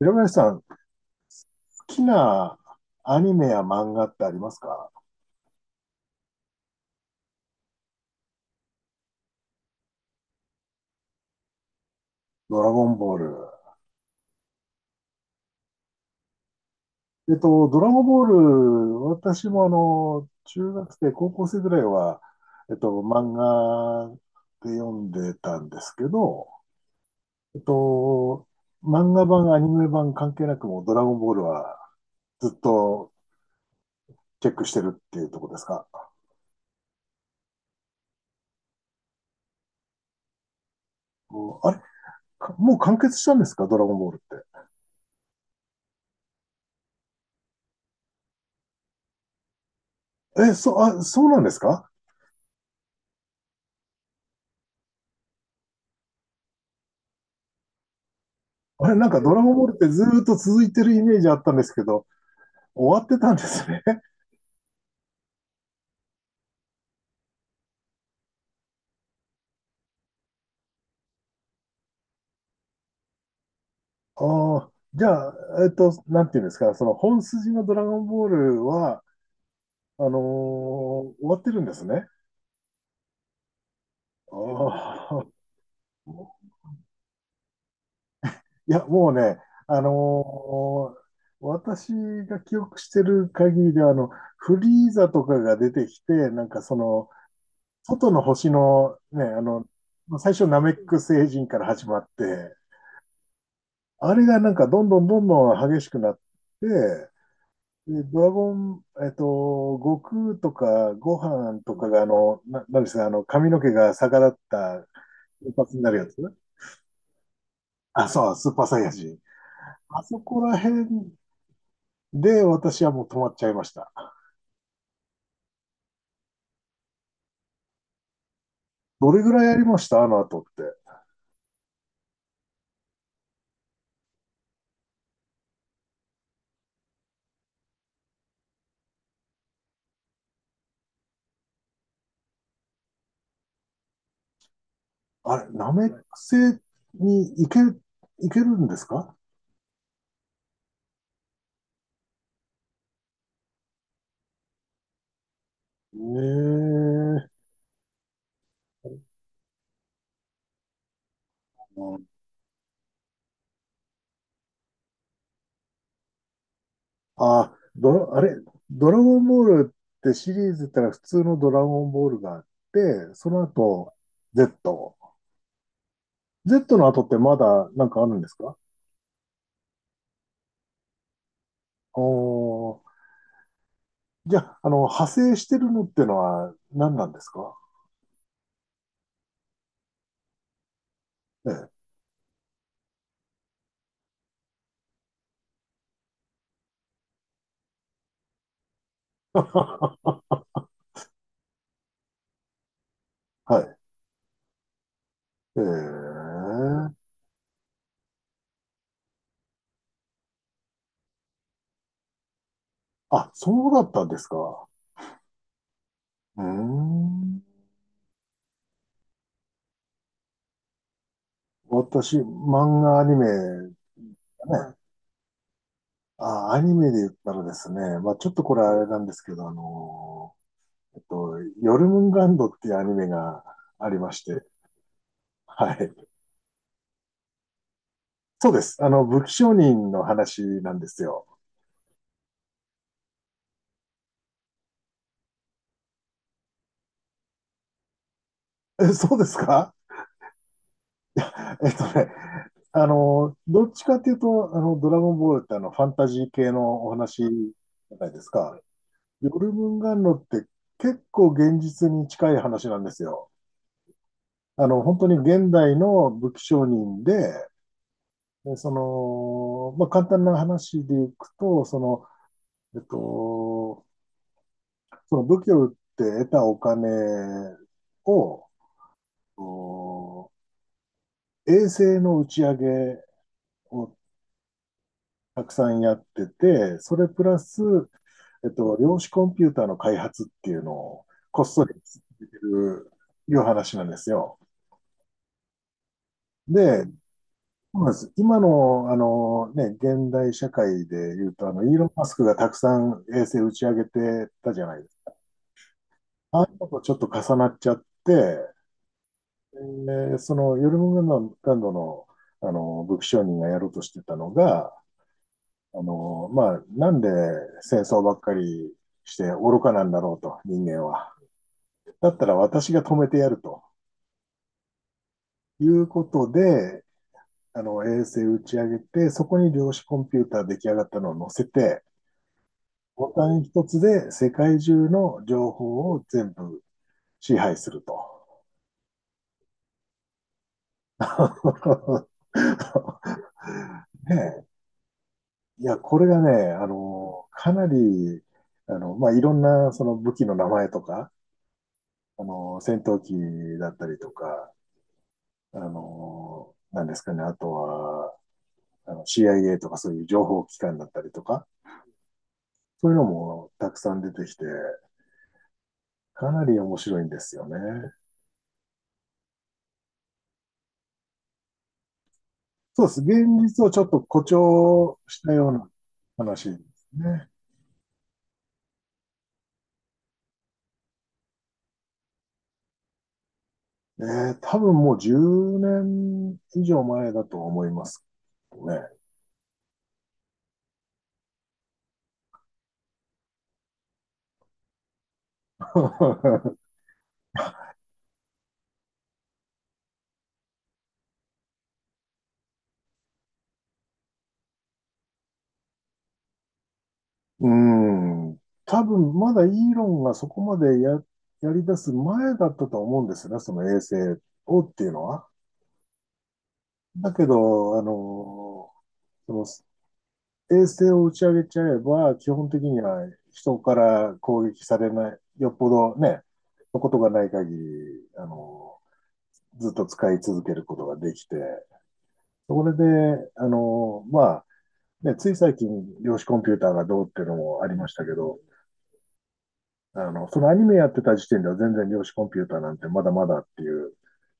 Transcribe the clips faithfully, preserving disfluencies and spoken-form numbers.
平林さん、好きなアニメや漫画ってありますか？ドラゴンボール。えっと、ドラゴンボール、私もあの、中学生、高校生ぐらいは、えっと、漫画で読んでたんですけど、えっと、漫画版、アニメ版関係なくもうドラゴンボールはずっとチェックしてるっていうところですか？もう、あれかもう完結したんですかドラゴンボールって。え、そ、あ、そうなんですか？あれ、なんかドラゴンボールってずーっと続いてるイメージあったんですけど、終わってたんですね。ああ、じゃあ、えっと、なんていうんですか、その本筋のドラゴンボールは、あのー終わってるんですね。ああ、いや、もうね、あのー私が記憶してる限りでは、あの、フリーザとかが出てきて、なんかその、外の星のね、あの、最初ナメック星人から始まって、あれがなんかどんどんどんどん激しくなって、で、ドラゴン、えっと、悟空とかご飯とかが、あの、な、なんですか、あの、髪の毛が逆立った金髪になるやつ？あ、そう、スーパーサイヤ人。あそこら辺で私はもう止まっちゃいました。どれぐらいやりましたあの後って？あれ、ナメック星に行け、行けるんですか？ええ。あ、ドラ、あれ、ドラゴンボールってシリーズったら普通のドラゴンボールがあって、その後、Z。Z の後ってまだなんかあるんですか？おー、じゃあ、あの、派生してるのってのは何なんですか？ええ。はい。ええ。あ、そうだったんですか。うーん。私、漫画アニメだね。あ、アニメで言ったらですね、まあちょっとこれあれなんですけど、あのえっと、ヨルムンガンドっていうアニメがありまして、はい。そうです。あの、武器商人の話なんですよ。え、そうですか？えっとね、あの、どっちかっていうと、あの、ドラゴンボールってあの、ファンタジー系のお話じゃないですか。ヨルムンガンドって結構現実に近い話なんですよ。あの、本当に現代の武器商人で、でその、まあ、簡単な話でいくと、その、えっと、その武器を売って得たお金を、お衛星の打ち上げをたくさんやってて、それプラス、えっと、量子コンピューターの開発っていうのをこっそり続けてるいう話なんですよ。で、そうなんです今の、あのね、現代社会で言うと、あの、イーロン・マスクがたくさん衛星打ち上げてたじゃないですか。ああいうのとちょっと重なっちゃって、えーそのヨルムガンランドの、あの武器商人がやろうとしてたのが、あのまあ、なんで戦争ばっかりして愚かなんだろうと、人間は。だったら私が止めてやるということで、あの衛星打ち上げて、そこに量子コンピューター出来上がったのを載せて、ボタン一つで世界中の情報を全部支配すると。ねえ、いや、これがね、あの、かなり、あの、まあ、いろんな、その武器の名前とか、あの、戦闘機だったりとか、あの、なんですかね、あとは、あの シーアイエー とかそういう情報機関だったりとか、そういうのもたくさん出てきて、かなり面白いんですよね。そうです。現実をちょっと誇張したような話ですね。えー、多分もうじゅうねん以上前だと思いますね。うん。多分、まだイーロンがそこまでや、やり出す前だったと思うんですよね、その衛星をっていうのは。だけど、あの、その衛星を打ち上げちゃえば、基本的には人から攻撃されない、よっぽどね、のことがない限り、あの、ずっと使い続けることができて、それで、あの、まあ、ね、つい最近、量子コンピューターがどうっていうのもありましたけど、あの、そのアニメやってた時点では全然量子コンピューターなんてまだまだっていう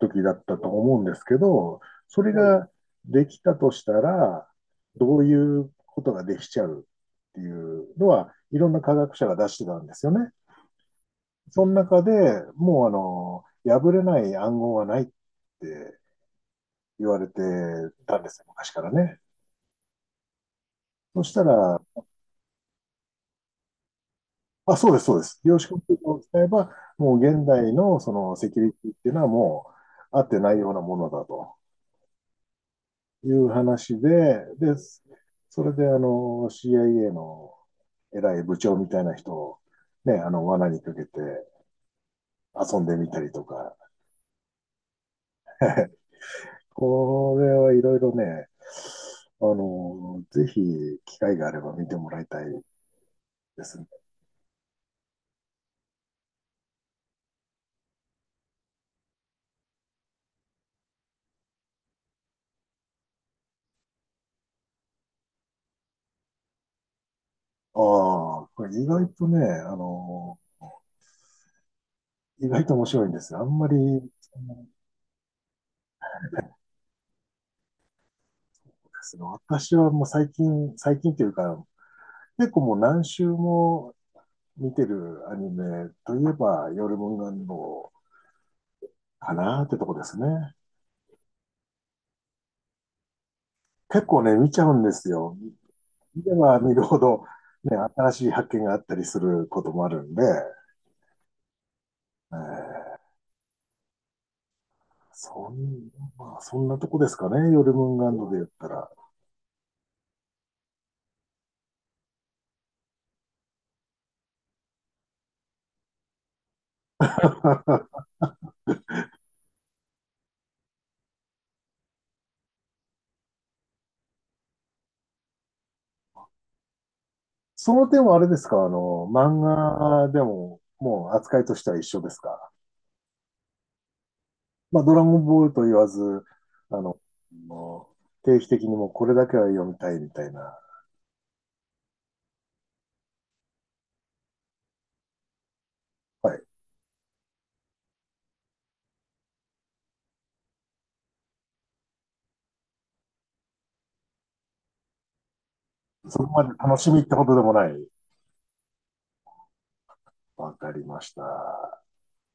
時だったと思うんですけど、それができたとしたら、どういうことができちゃうっていうのは、いろんな科学者が出してたんですよね。その中でもうあの、破れない暗号はないって言われてたんですよ、昔からね。そしたら、あ、そうです、そうです。量子コンピューターを使えば、もう現代のそのセキュリティっていうのはもう、あってないようなものだと。いう話で、で、それであの シーアイエー の偉い部長みたいな人をね、あの罠にかけて遊んでみたりとか、これはいろいろね、あの、ぜひ機会があれば見てもらいたいですね。ああ、これ意外とね、あの、意外と面白いんですよ。あんまり、ですね、私はもう最近、最近というか、結構もう何週も見てるアニメといえば、夜文願のかなってとこですね。結構ね、見ちゃうんですよ。見れば見るほど、ね、新しい発見があったりすることもあるんで、えーそんまあ、そんなとこですかね、ヨルムンガンドで言ったら。その点はあれですか、あの、漫画でも、もう扱いとしては一緒ですか。まあ、ドラゴンボールと言わず、あの、もう定期的にもうこれだけは読みたいみたいな。はい。そこまで楽しみってことでもない。わかりました。